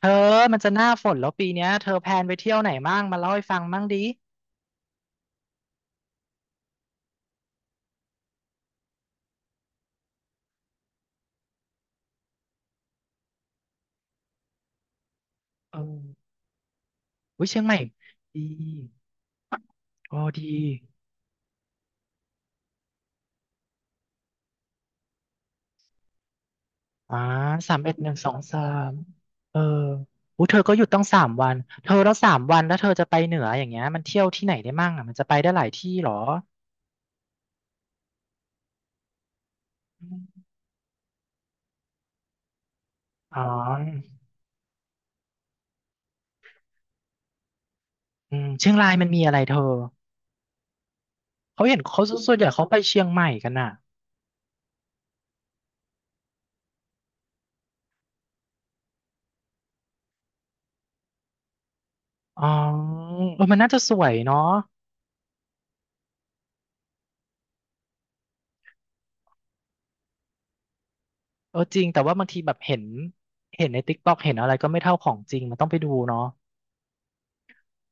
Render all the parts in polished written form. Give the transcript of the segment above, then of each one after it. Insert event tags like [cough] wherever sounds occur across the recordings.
เธอมันจะหน้าฝนแล้วปีเนี้ยเธอแพลนไปเที่ยวไหนบ้างมาเล่าให้ฟังบ้างดิเอออุ้ยเชียงใหม่ดีโอ้ดีอ่าสามเอ็ดหนึ่งสองสามเอออุ้ยเธอก็หยุดต้องสามวันเธอแล้วสามวันแล้วเธอจะไปเหนืออย่างเงี้ยมันเที่ยวที่ไหนได้มั่งอ่ะมันจะไปได้หลายที่เหรออ๋ออืมเชียงรายมันมีอะไรเธอเขาเห็นเขาส่วนใหญ่เขาไปเชียงใหม่กันอ่ะอ๋อเออมันน่าจะสวยเนาะ เออจริงแต่ว่าบางทีแบบเห็นในติ๊กต็อกเห็นอะไรก็ไม่เท่าของจริงมันต้องไปดูเนาะ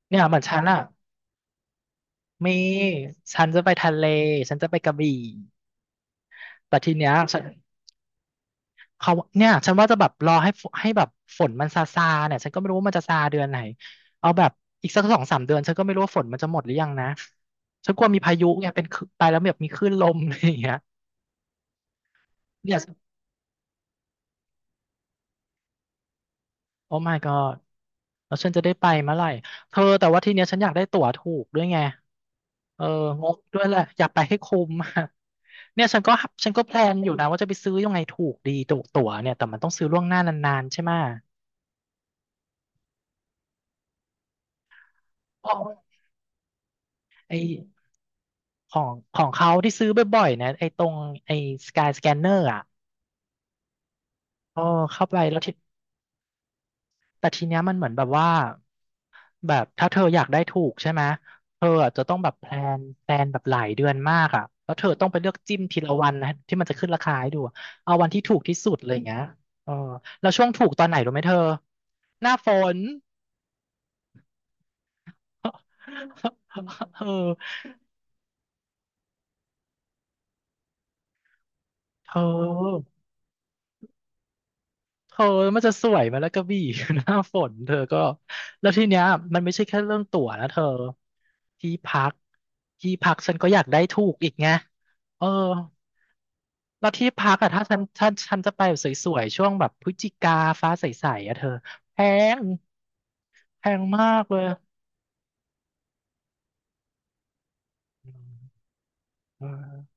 เนี่ยเหมือนฉันอะมีฉันจะไปทะเลฉันจะไปกระบี่แต่ทีเนี้ยฉันเขาเนี่ยฉันว่าจะแบบรอให้ฝให้แบบฝนมันซาซาเนี่ยฉันก็ไม่รู้ว่ามันจะซาเดือนไหนเอาแบบอีกสัก2-3 เดือนฉันก็ไม่รู้ว่าฝนมันจะหมดหรือยังนะฉันกลัวมีพายุไงเป็นคลื่นไปแล้วแบบมีคลื่นลมอะไรอย่างเงี้ยเนี่ย โอ้ my god แล้วฉันจะได้ไปเมื่อไหร่เธอแต่ว่าทีเนี้ยฉันอยากได้ตั๋วถูกด้วยไงเอองงด้วยแหละอยากไปให้คุ้มอะเนี่ยฉันก็แพลนอยู่นะว่าจะไปซื้อยังไงถูกดีตั๋วตั๋วเนี่ยแต่มันต้องซื้อล่วงหน้านานๆใช่ไหมะไอของของเขาที่ซื้อบ่อยๆนะไอตรงไอสกายสแกนเนอร์อ่ะเออเข้าไปแล้วทีแต่ทีเนี้ยมันเหมือนแบบว่า แบบถ้าเธออยากได้ถูกใช่ไหมเธออะจะต้องแบบแพลนแบบหลายเดือนมากอ่ะแล้วเธอต้องไปเลือกจิ้มทีละวันนะที่มันจะขึ้นราคาให้ดูอะเอาวันที่ถูกที่สุดเลยอย่างเงี้ยเออแล้วช่วงถูกตอนไหนรู้ไหมเธอหน้าฝน [laughs] เออเธอเธอมันจะสวยไหมแล้วกระบี่ [laughs] หน้าฝนเธอก็แล้วทีเนี้ยมันไม่ใช่แค่เรื่องตั๋วนะเธอที่พักที่พักฉันก็อยากได้ถูกอีกไงเออ แล้วที่พักอะถ้าฉันถ้าฉันจะไปแบบสวยๆช่วงแบบพฤศจิกาฟ้าใสๆอะเธอแพงแพงมากเลยเออ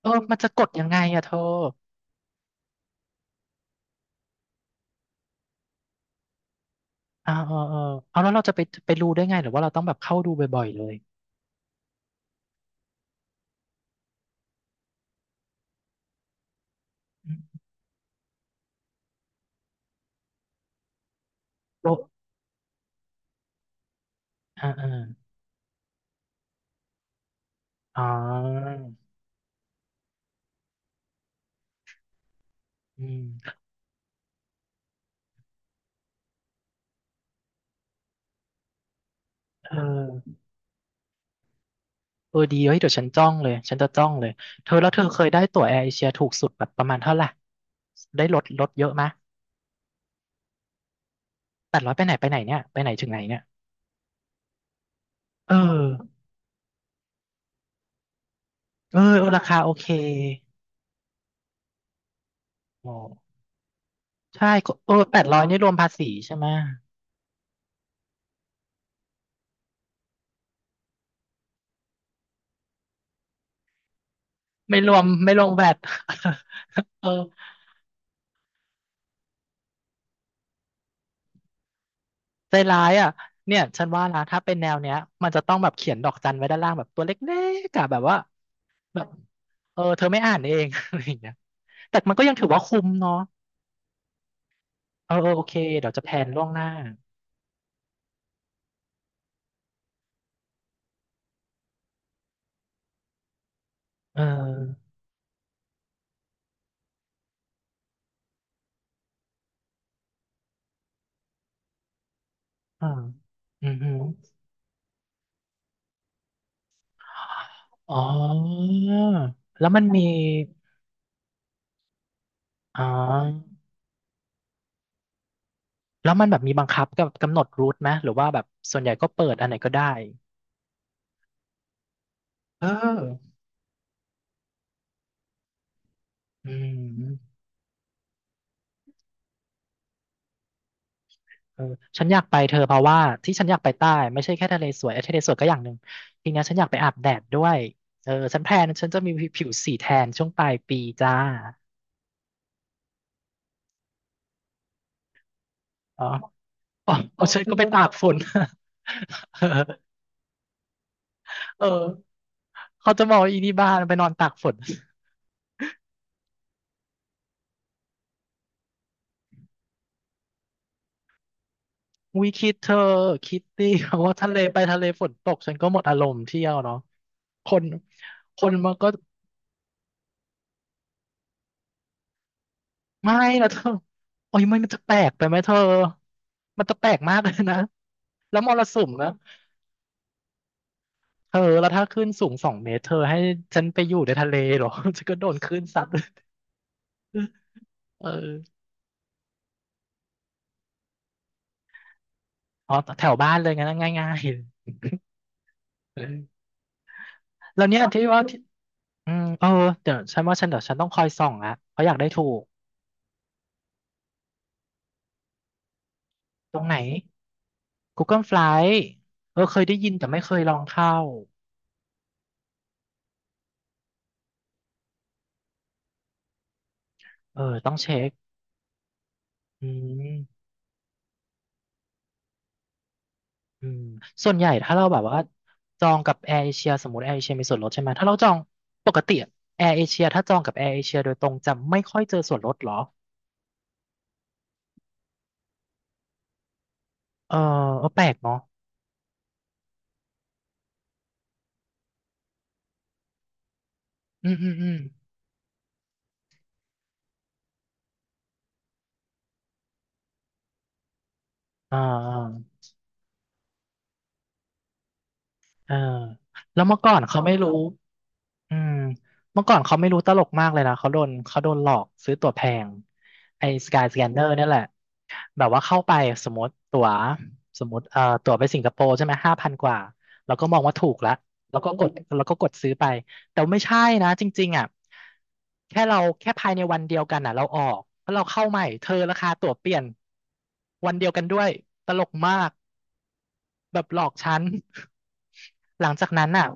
เออมันจะกดยังไงอะเธออ่าเออเออเอาแล้วเราจะไปไปรู้ได้ไงหรือว่าเราต้องแบบเข้าดูบ่อยๆเลยอืมโลอ่าอ่าอ๋ออืมเออเออดีเฮ้ยเดี๋ยวฉันจ้องเลยฉันจะจ้องเลยเธอแล้วเธอเคยได้ตั๋วแอร์เอเชียถูกสุดแบบประมาณเท่าไหร่ได้ลดเยอะมะแต่ร้อยไปไหนไปไหนเนี่ยไปไหนถึงไหนเนี่ยเออเออเออราคาโอเค อ๋อใช่ก็เออ800นี่รวมภาษีใช่ไหมไม่รวมแวด [laughs] เออใจร้ายอ่ะเนี่ยฉันว่านะถ้าเป็นแนวเนี้ยมันจะต้องแบบเขียนดอกจันไว้ด้านล่างแบบตัวเล็กๆอะแบบว่าแบบเออเธอไม่อ่านเอง [laughs] อะไรอย่างเงี้ยแต่มันก็ยังถือว่าคุ้มเนาะเออเออโอเคเดี๋ยวจะแพลนล่วงหน้าเอออ่าอือหืออ๋อแล้วมันมีอ๋อแล้วมันแบบมีบังคับกับกำหนดรูทไหมหรือว่าแบบส่วนใหญ่ก็เปิดอันไหนก็ได้ เอออืมเออฉันอยากไปเธอเพราะว่าที่ฉันอยากไปใต้ไม่ใช่แค่ทะเลสวยเอ้ยทะเลสวยก็อย่างหนึ่งทีเนี้ยฉันอยากไปอาบแดดด้วยเออฉันแพลนฉันจะมีผิวสีแทนช่วงปลายปีจ้าอ๋ออ๋ออ๋อฉันก็ไปตากฝน [laughs] เออเออเขาจะบอกว่าอีนี่บ้านไปนอนตากฝนอุ้ยคิดเธอคิดดิเพราะว่าทะเลไปทะเลฝนตกฉันก็หมดอารมณ์เที่ยวเนาะคนคนมันก็ ไม่นะเธอ โอ้ยมันมันจะแปลกไปไหมเธอ มันจะแปลกมากเลยนะ แล้วมรสุมนะ เธอ แล้วถ้าขึ้นสูง2 เมตรเธอให้ฉันไปอยู่ในทะเลเหรอ [laughs] ฉันก็โดนคลื่นซัดเอออ๋อแถวบ้านเลยงั้นง่ายง่ายๆเออแล้วเนี่ยที่ว่าที่อืมเออเดี๋ยวฉันว่าฉันเดี๋ยวฉันต้องคอยส่องละเพราะอยากได้ถูก ตรงไหน Google Flight เออเคยได้ยินแต่ไม่เคยลองเข้าเออต้องเช็คอืม อืมส่วนใหญ่ถ้าเราแบบว่าจองกับแอร์เอเชียสมมติแอร์เอเชียมีส่วนลดใช่ไหมถ้าเราจองปกติแอร์เอเชียถ้าจองกับแอร์เอเชียโดยตรงจะไม่ค่อยเจอส่วนลดเหรอเออเออแปลกเนาะอืมอืมอืมอ่าอ่าเออแล้วเมื่อก่อนเขาไม่รู้อืมเมื่อก่อนเขาไม่รู้ตลกมากเลยนะเขาโดนเขาโดนหลอกซื้อตั๋วแพงไอ้สกายสแกนเนอร์นี่ยแหละ แบบว่าเข้าไปสมมติตั๋วสมมติตั๋วไปสิงคโปร์ใช่ไหม5,000กว่าแล้วก็มองว่าถูกละแล้วก็กดแล้วก็กดซื้อไปแต่ไม่ใช่นะจริงๆอ่ะแค่เราแค่ภายในวันเดียวกันอ่ะเราออกแล้วเราเข้าใหม่เธอราคาตั๋วเปลี่ยนวันเดียวกันด้วยตลกมากแบบหลอกฉัน [laughs] หลังจากนั้นอ่ะ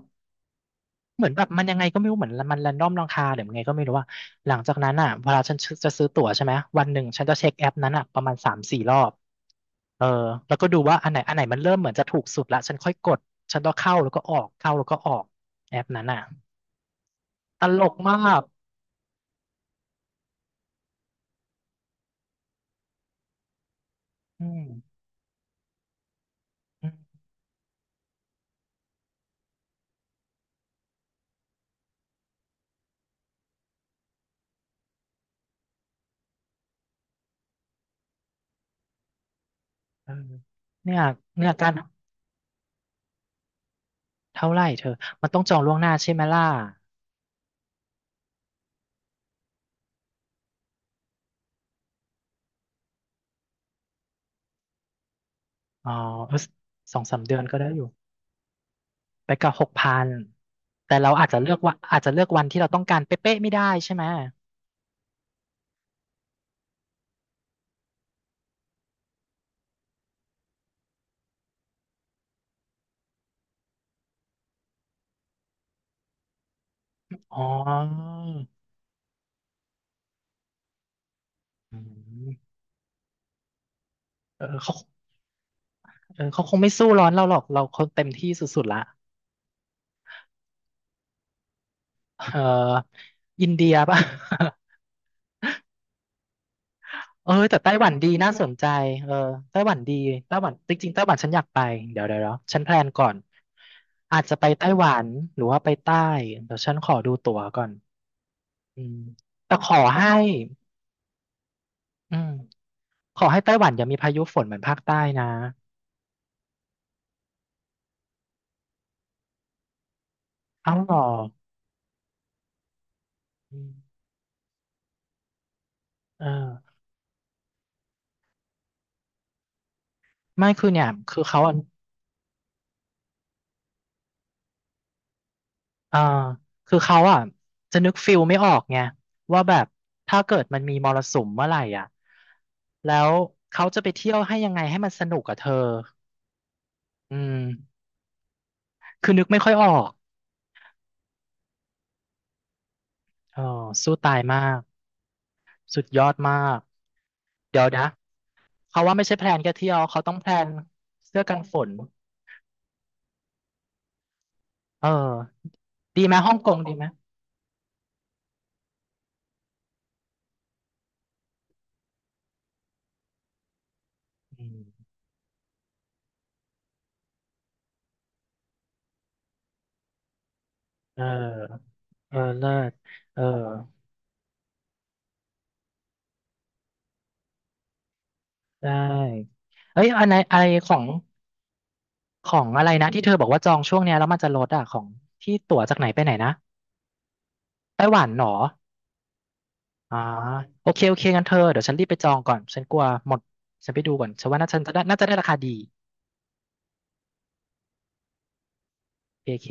เหมือนแบบมันยังไงก็ไม่รู้เหมือนมันแรนดอมราคาหรือยังไงก็ไม่รู้ว่าหลังจากนั้นอ่ะเวลาฉันจะซื้อตั๋วใช่ไหมวันหนึ่งฉันจะเช็คแอปนั้นอ่ะประมาณสามสี่รอบเออแล้วก็ดูว่าอันไหนอันไหนมันเริ่มเหมือนจะถูกสุดละฉันค่อยกดฉันก็เข้าแล้วก็ออกเข้าแล้วก็ออกแอปนั้นอ่ะตลกมากอืมอืมเออเนี่ยเนี่ยการเท่าไหร่เธอมันต้องจองล่วงหน้าใช่ไหมล่ะอ๋อเออสองสามเดือนก็ได้อยู่ ไปกับ6,000แต่เราอาจจะเลือกว่าอาจจะเลือกวันที่เราต้องการเป๊ะๆไม่ได้ใช่ไหมอ๋ออืมเออเขาเออเขาคงไม่สู้ร้อนเราหรอกเราคงเต็มที่สุดๆละเอออินเดียป่ะ [laughs] เออแต่ไต้หวันดีน่าสนใจเออไต้หวันดีไต้หวันจริงๆไต้หวันฉันอยากไปเดี๋ยวเดี๋ยวเดี๋ยวฉันแพลนก่อนอาจจะไปไต้หวันหรือว่าไปใต้เดี๋ยวฉันขอดูตั๋วก่อนอืมแต่ขอให้อืม ขอให้ไต้หวันอย่ามีพายุฝนเหมือนภาคใต้นะเอ้าเหรออืมเออไม่คือเนี่ยคือเขาอ่ะเออคือเขาอ่ะจะนึกฟิลไม่ออกไงว่าแบบถ้าเกิดมันมีมรสุมเมื่อไหร่อ่ะแล้วเขาจะไปเที่ยวให้ยังไงให้มันสนุกกับเธออืมคือนึกไม่ค่อยออกเออสู้ตายมากสุดยอดมากเดี๋ยวนะเขาว่าไม่ใช่แพลนแค่เที่ยวเขาต้องแพลนเสื้อกันฝนเออดีไหมฮ่องกงดีไหมอืมเออ เออเลิศเออได้เอ้ยอันไหนอะไรของของอะไรนะที่เธอบอกว่าจองช่วงเนี้ยแล้วมันจะลดอ่ะของที่ตั๋วจากไหนไปไหนนะไต้หวันเหรออ๋อโอเคโอเคงั้นเธอเดี๋ยวฉันรีบไปจองก่อนฉันกลัวหมดฉันไปดูก่อนฉันว่าน่าจะน่าจะได้ราคาดีโอเค